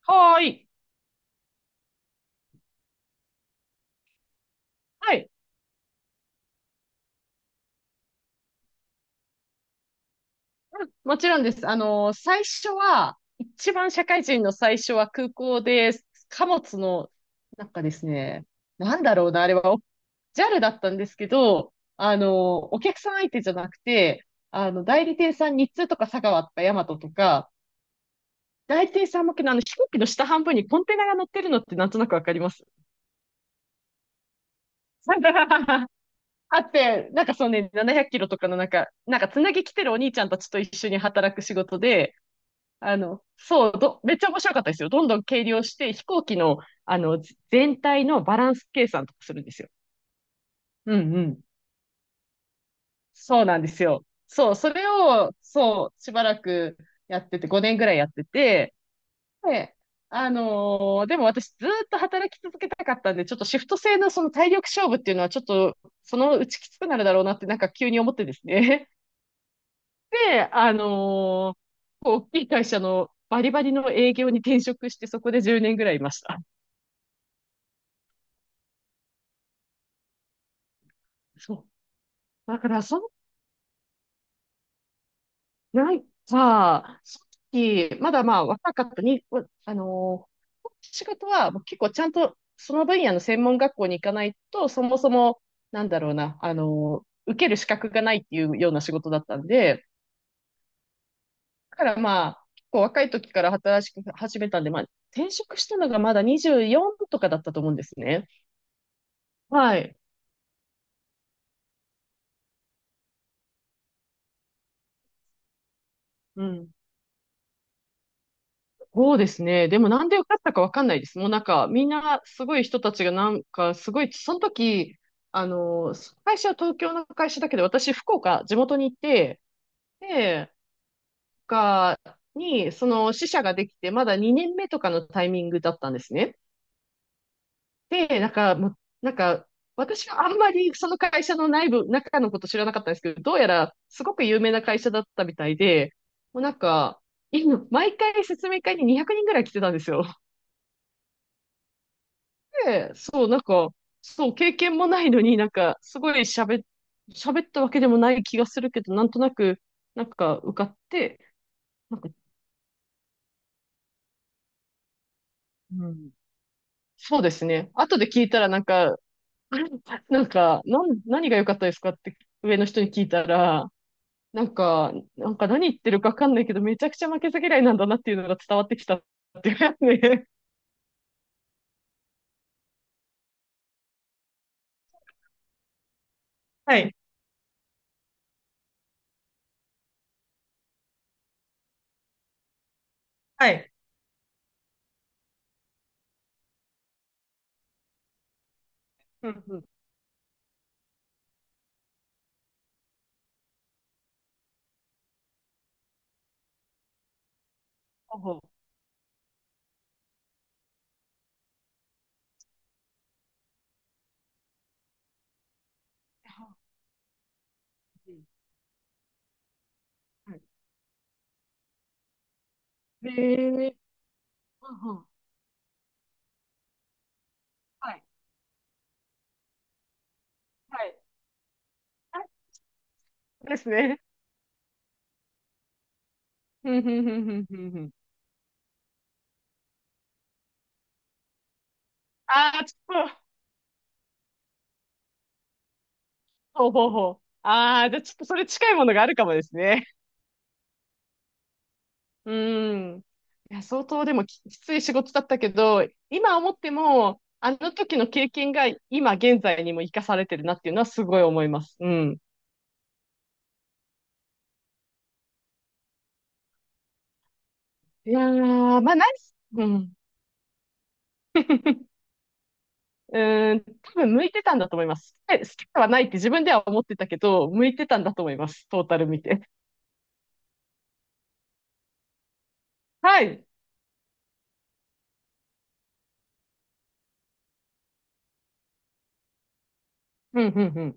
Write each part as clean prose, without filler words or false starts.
はい。はい。うんもちろんです。最初は、一番社会人の最初は空港で、貨物の、なんかですね、なんだろうな、あれは、お JAL だったんですけど、お客さん相手じゃなくて、代理店さん、日通とか佐川とかヤマトとか、代理店さん向けの飛行機の下半分にコンテナが乗ってるのってなんとなくわかります。あって、なんかそうね、700キロとかのつなぎ来てるお兄ちゃんたちと一緒に働く仕事で、めっちゃ面白かったですよ。どんどん計量して、飛行機の、あの、全体のバランス計算とかするんですよ。うんうん。そうなんですよ。そう、それを、そう、しばらくやってて、5年ぐらいやってて、で、でも私ずーっと働き続けたかったんで、ちょっとシフト制のその体力勝負っていうのはちょっと、そのうちきつくなるだろうなって急に思ってですね。で、あのーこう大きい会社のバリバリの営業に転職して、そこで10年ぐらいいました。そう。だから、そ、なんか、さっき、まだまあ若かったに、わあのー仕事はもう結構ちゃんとその分野の専門学校に行かないと、そもそも、なんだろうな、あのー受ける資格がないっていうような仕事だったんで、だからまあ、結構若い時から働き始めたんで、まあ、転職したのがまだ24とかだったと思うんですね。はい。うん。そうですね。でもなんで受かったかわかんないです。もうなんか、みんなすごい人たちがすごい、その時、あの、会社は東京の会社だけど、私、福岡、地元にいて、で、福岡に、その支社ができて、まだ2年目とかのタイミングだったんですね。で、なんか、もう、なんか、私はあんまりその会社の内部、中のこと知らなかったんですけど、どうやらすごく有名な会社だったみたいで、もうなんか、今毎回説明会に200人ぐらい来てたんですよ。で、そう、なんか、そう、経験もないのにすごい喋っ、喋ったわけでもない気がするけど、なんとなく、受かって、なんか、うん、そうですね。後で聞いたら、何が良かったですかって上の人に聞いたら、何言ってるかわかんないけど、めちゃくちゃ負けず嫌いなんだなっていうのが伝わってきたっていうやつね。はい、はい。うんうん。ほうほう。はい。はい、えーはははい。はいですね。ふんふんふんふんふんふん。ああ、ちょっと、ほうほうほう。ああ、じゃあちょっとそれ近いものがあるかもですね。うーん。いや、相当でもきつい仕事だったけど、今思っても、あの時の経験が今現在にも生かされてるなっていうのはすごい思います。うん。いやー、まあ、何うん。うーん、多分向いてたんだと思います。え好きではないって自分では思ってたけど、向いてたんだと思います。トータル見て。はい。うん、うん、うん。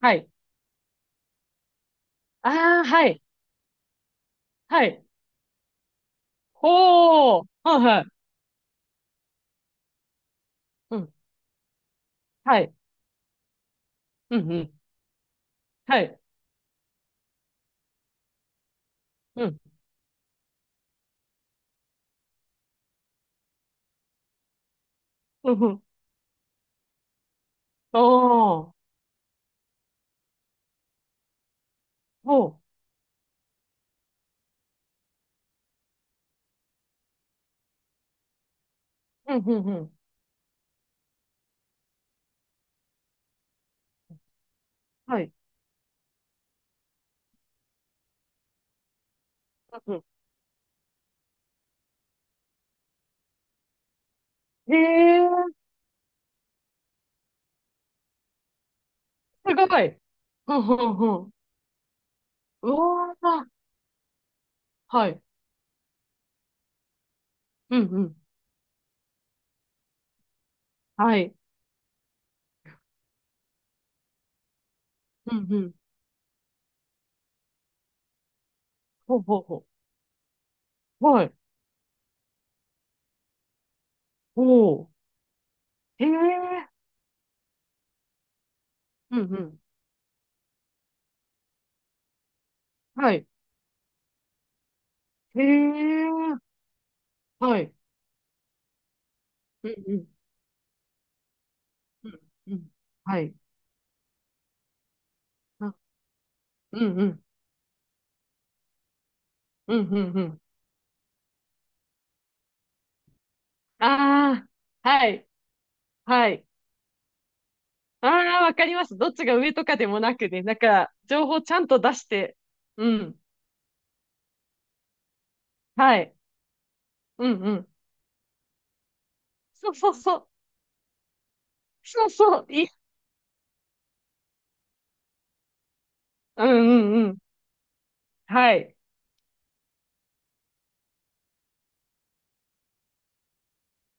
はい。ああ、はい。はい。ほー。はいはい。うん。はい。うん、うん。はい。うん。うん、うん。ああ。ほう。うん、うん、うん。はい。うん、うん。へえ、すごい。うん、うん、うん。うわー。はい。うん、うん。はい。うん、うん。ほうほうほう。はい。おー。へえ。うん、うん。はい。へえ。はい。うん、うん。うん、うん。はい。あうん、うん。うん、うん、うん。ああ。はい。はい。ああ、わかります。どっちが上とかでもなくね。情報ちゃんと出して。うん。はい。うんうん。そうそうそう。そうそう。いい。うんうんうん。はい。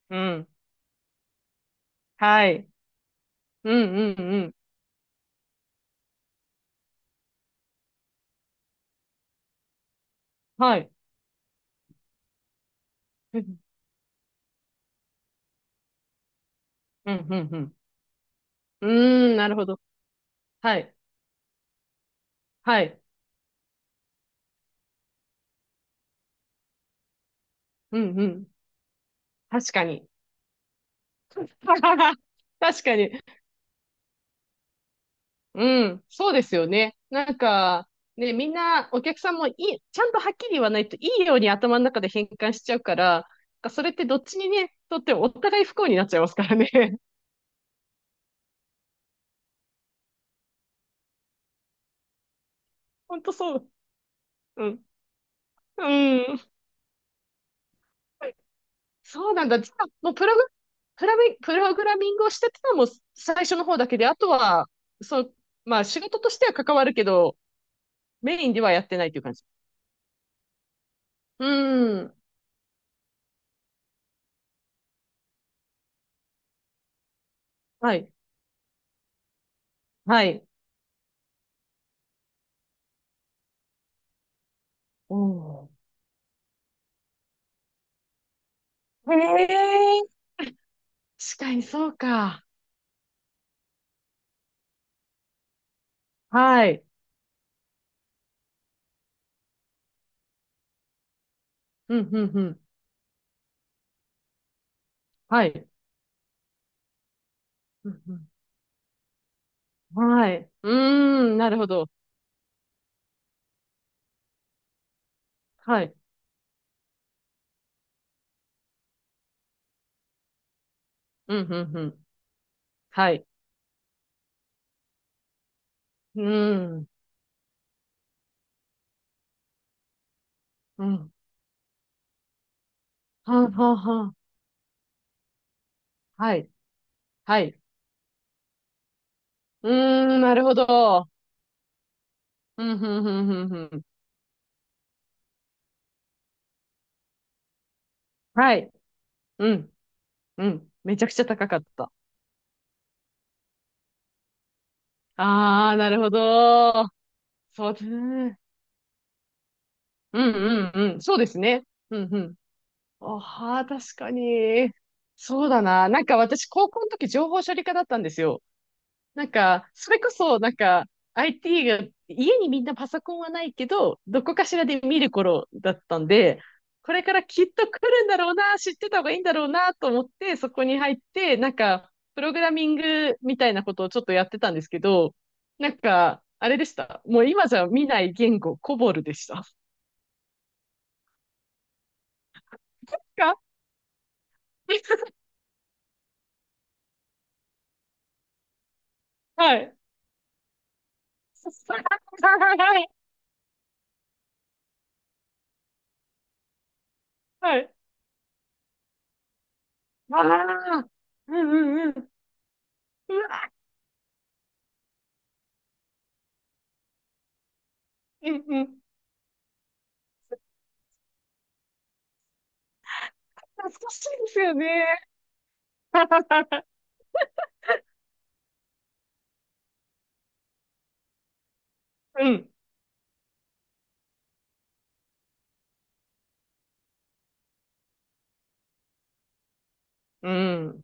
うん。はい。うんうんうん。はい。うんうんうん。うん。うーん、なるほど。はい。はい。うんうん。確かに。確かに。うん、そうですよね。ね、みんな、お客さんもいい、ちゃんとはっきり言わないといいように頭の中で変換しちゃうから、それってどっちにね、とってもお互い不幸になっちゃいますからね。ほんとそう。うん。うん。そうなんだ。じゃあ、もうプログ、プラミ、プログラミングをしてたのも最初の方だけで、あとは、そう、まあ仕事としては関わるけど、メインではやってないという感じ。うん。はい。はい。おーへえ。確かにそうか。はい。うん、うん、うん。はい。うん、うん。はい。うーん、なるほど。はい。うん、うん、うん。はい。うーん、うん。はんはんはん。はい。はい。うーん、なるほど。うん、うん、うん、うん、うん。はい。うん、うん。めちゃくちゃ高かった。ああ、なるほど。そうですね。うん、うん、うん。そうですね。うん、うん。ああ、確かに。そうだな。私、高校の時情報処理科だったんですよ。なんか、それこそ、なんか、IT が、家にみんなパソコンはないけど、どこかしらで見る頃だったんで、これからきっと来るんだろうな、知ってた方がいいんだろうな、と思って、そこに入って、プログラミングみたいなことをちょっとやってたんですけど、あれでした。もう今じゃ見ない言語、コボルでした。か はい。はい。はいああ、うんうんうん。うわ、うんうん。懐かしいですよね。うん。うん。